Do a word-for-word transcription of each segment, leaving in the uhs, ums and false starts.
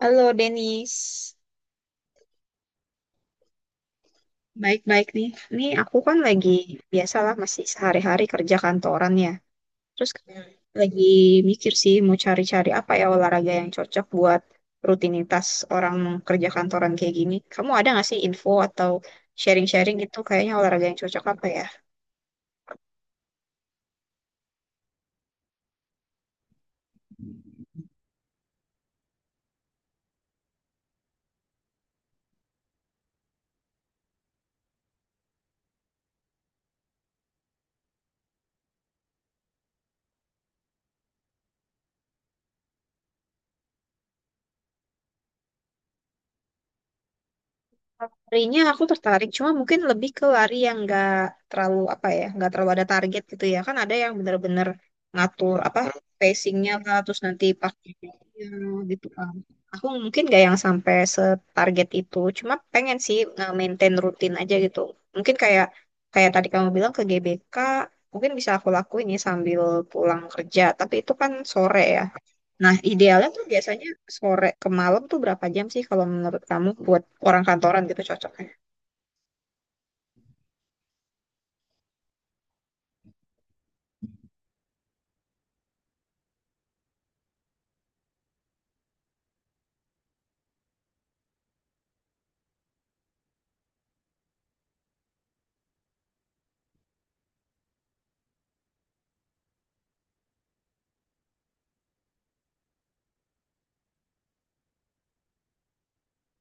Halo Denis, baik-baik nih. Nih aku kan lagi biasalah masih sehari-hari kerja kantoran ya. Terus kayak lagi mikir sih mau cari-cari apa ya olahraga yang cocok buat rutinitas orang kerja kantoran kayak gini. Kamu ada nggak sih info atau sharing-sharing gitu kayaknya olahraga yang cocok apa ya? Larinya aku tertarik, cuma mungkin lebih ke lari yang nggak terlalu apa ya, nggak terlalu ada target gitu ya. Kan ada yang bener-bener ngatur apa pacingnya lah, terus nanti pakai ya, gitu kan. Aku mungkin nggak yang sampai setarget itu, cuma pengen sih nge-maintain rutin aja gitu. Mungkin kayak kayak tadi kamu bilang ke G B K, mungkin bisa aku lakuin ya sambil pulang kerja, tapi itu kan sore ya. Nah, idealnya tuh biasanya sore ke malam tuh berapa jam sih kalau menurut kamu buat orang kantoran gitu cocok?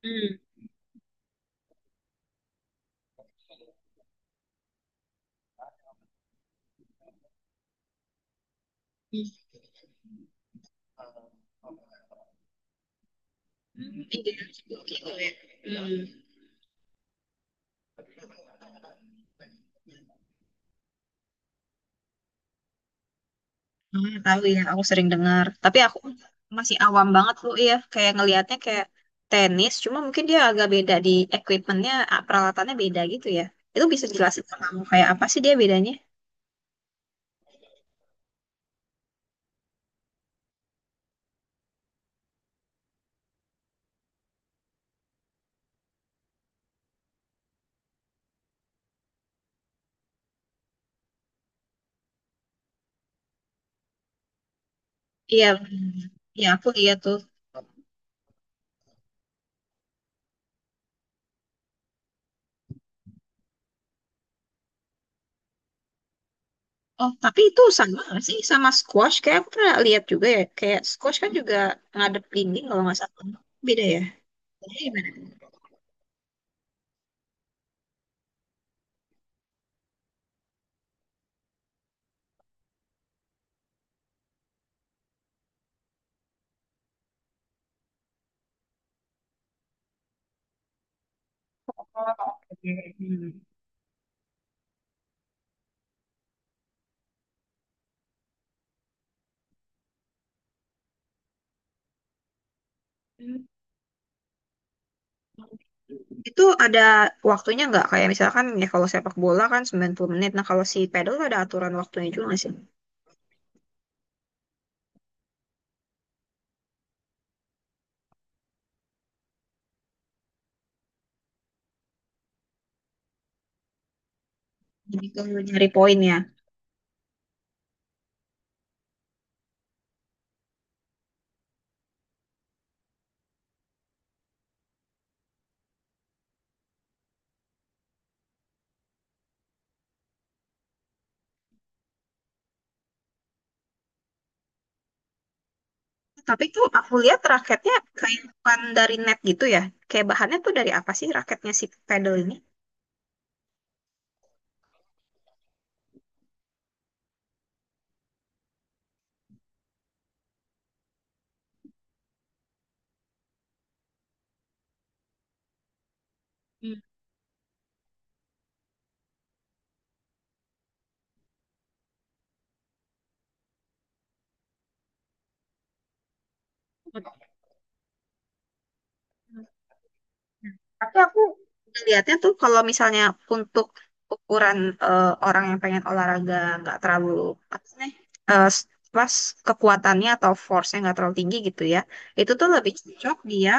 Hmm. Hmm. Hmm, iya, gitu ya. Hmm. Hmm, tahu ya, aku sering dengar. Tapi aku masih awam banget loh ya, kayak ngelihatnya kayak tenis, cuma mungkin dia agak beda di equipmentnya, ah, peralatannya beda gitu ya. Itu bisa jelasin ke kamu kayak apa sih dia bedanya? Iya, hmm. Iya aku lihat tuh. Oh, tapi itu sama nggak sih sama squash? Kayak aku pernah lihat juga ya, kayak squash kan juga ngadep dinding kalau nggak salah. Beda ya? Jadi gimana? Oh, oke. Hmm. Itu ada waktunya nggak? Kayak misalkan ya kalau sepak bola kan sembilan puluh menit. Nah kalau si pedal tuh ada aturan waktunya juga nggak sih? Jadi kalau nyari poin ya. Tapi tuh aku lihat raketnya kayak bukan dari net gitu ya. Kayak bahannya tuh dari apa sih raketnya si pedal ini? Hmm. Tapi aku ngeliatnya tuh kalau misalnya untuk ukuran eh, orang yang pengen olahraga nggak terlalu apa sih nih, eh, s- pas kekuatannya atau force-nya nggak terlalu tinggi gitu ya, itu tuh lebih cocok dia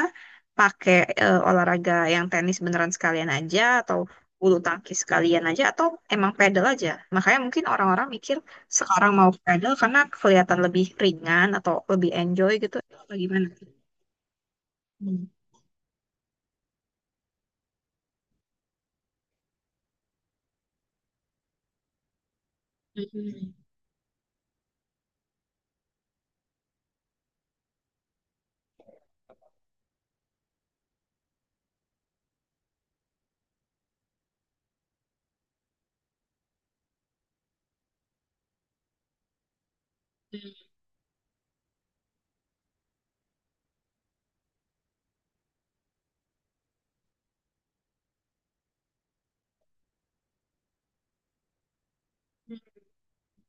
pakai eh, olahraga yang tenis beneran sekalian aja atau bulu tangkis sekalian aja atau emang pedal aja. Makanya mungkin orang-orang mikir sekarang mau pedal karena kelihatan lebih ringan atau lebih enjoy gitu atau gimana? Hmm. Hmm. Hmm.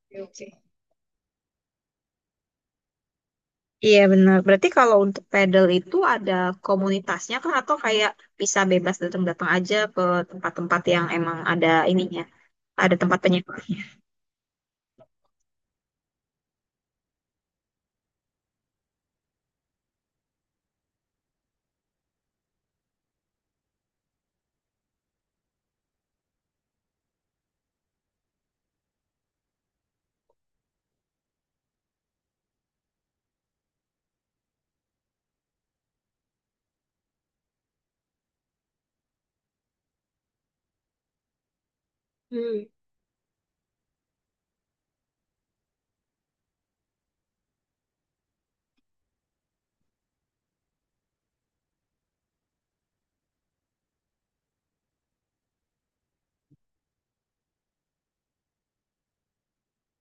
Oke, oke. Iya benar. Berarti kalau untuk pedal itu ada komunitasnya kah atau kayak bisa bebas datang-datang aja ke tempat-tempat yang emang ada ininya, ada tempat penyewa. Hmm.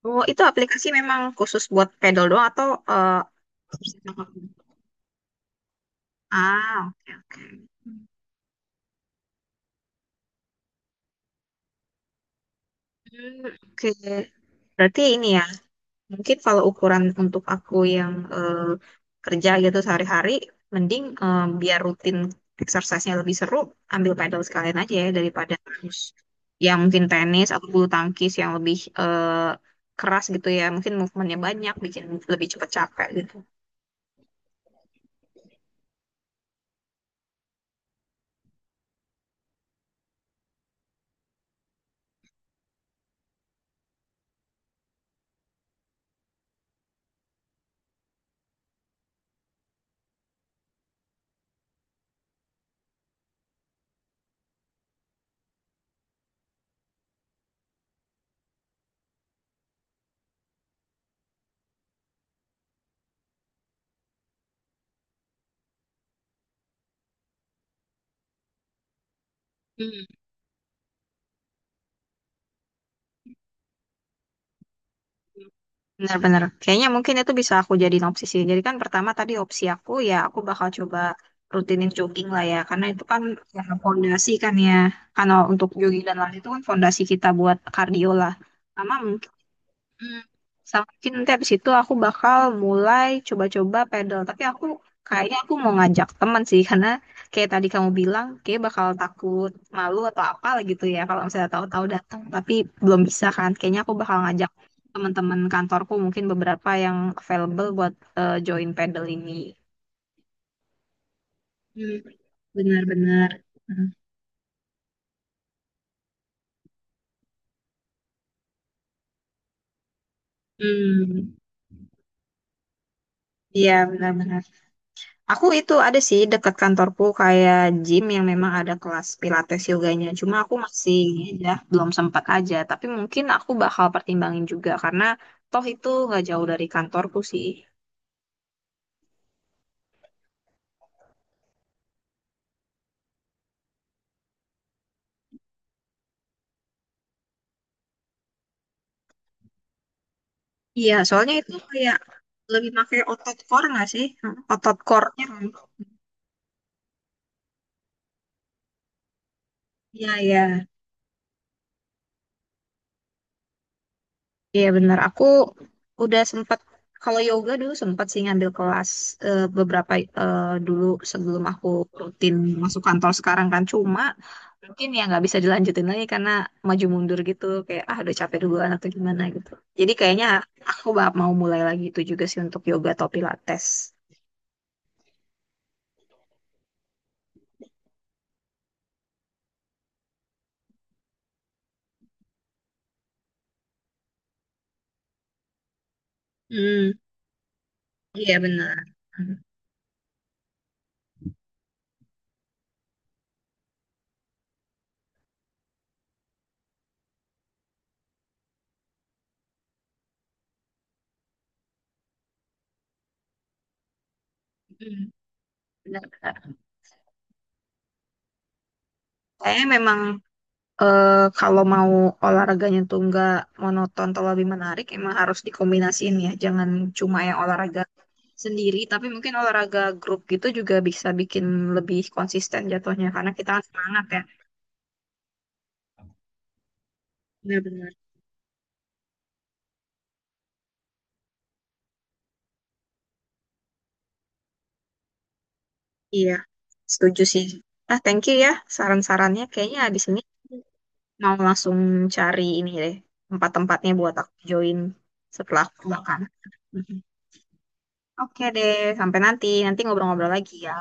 Oh, itu aplikasi memang khusus buat pedal doang atau eh, bisa pakai? Ah, oke oke. Hmm, oke. Berarti ini ya. Mungkin kalau ukuran untuk aku yang eh, kerja gitu sehari-hari, mending eh, biar rutin exercise-nya lebih seru, ambil pedal sekalian aja ya daripada harus yang mungkin tenis atau bulu tangkis yang lebih eh, keras gitu ya. Mungkin movementnya banyak, bikin lebih cepat capek gitu. Benar-benar. Kayaknya mungkin itu bisa aku jadiin opsi sih. Jadi kan pertama tadi opsi aku ya aku bakal coba rutinin jogging lah ya. Karena itu kan ya, fondasi kan ya. Karena untuk jogging dan lari itu kan fondasi kita buat kardio lah. Sama Hmm. Sama mungkin nanti habis itu aku bakal mulai coba-coba pedal. Tapi aku kayaknya aku mau ngajak teman sih karena kayak tadi kamu bilang kayak bakal takut malu atau apa gitu ya kalau misalnya tahu-tahu datang tapi belum bisa kan. Kayaknya aku bakal ngajak teman-teman kantorku mungkin beberapa yang available buat eh, join pedal ini. Hmm, benar-benar. Hmm, iya benar-benar. Aku itu ada sih dekat kantorku kayak gym yang memang ada kelas pilates yoganya. Cuma aku masih ini ya belum sempat aja. Tapi mungkin aku bakal pertimbangin juga karena toh itu nggak jauh dari kantorku sih. Iya, soalnya itu kayak lebih pakai otot core nggak sih? Hmm, otot core-nya kan. Iya, iya. Iya benar, aku udah sempat kalau yoga dulu sempat sih ngambil kelas eh, beberapa eh, dulu sebelum aku rutin masuk kantor sekarang. Kan cuma mungkin ya nggak bisa dilanjutin lagi karena maju mundur gitu kayak ah udah capek duluan atau gimana gitu. Jadi kayaknya aku bak- mau mulai lagi itu juga sih untuk yoga atau pilates. Hmm. Iya benar. Hmm. Benar, benar. Saya memang eh, kalau mau olahraganya tuh nggak monoton atau lebih menarik, emang harus dikombinasiin ya. Jangan cuma yang olahraga sendiri, tapi mungkin olahraga grup gitu juga bisa bikin lebih konsisten jatuhnya, karena kita kan semangat ya. Benar-benar. Iya, setuju sih. Ah, thank you ya saran-sarannya. Kayaknya abis ini mau langsung cari ini deh, tempat-tempatnya buat aku join setelah aku makan. Mhm. Oke deh, sampai nanti. Nanti ngobrol-ngobrol lagi ya.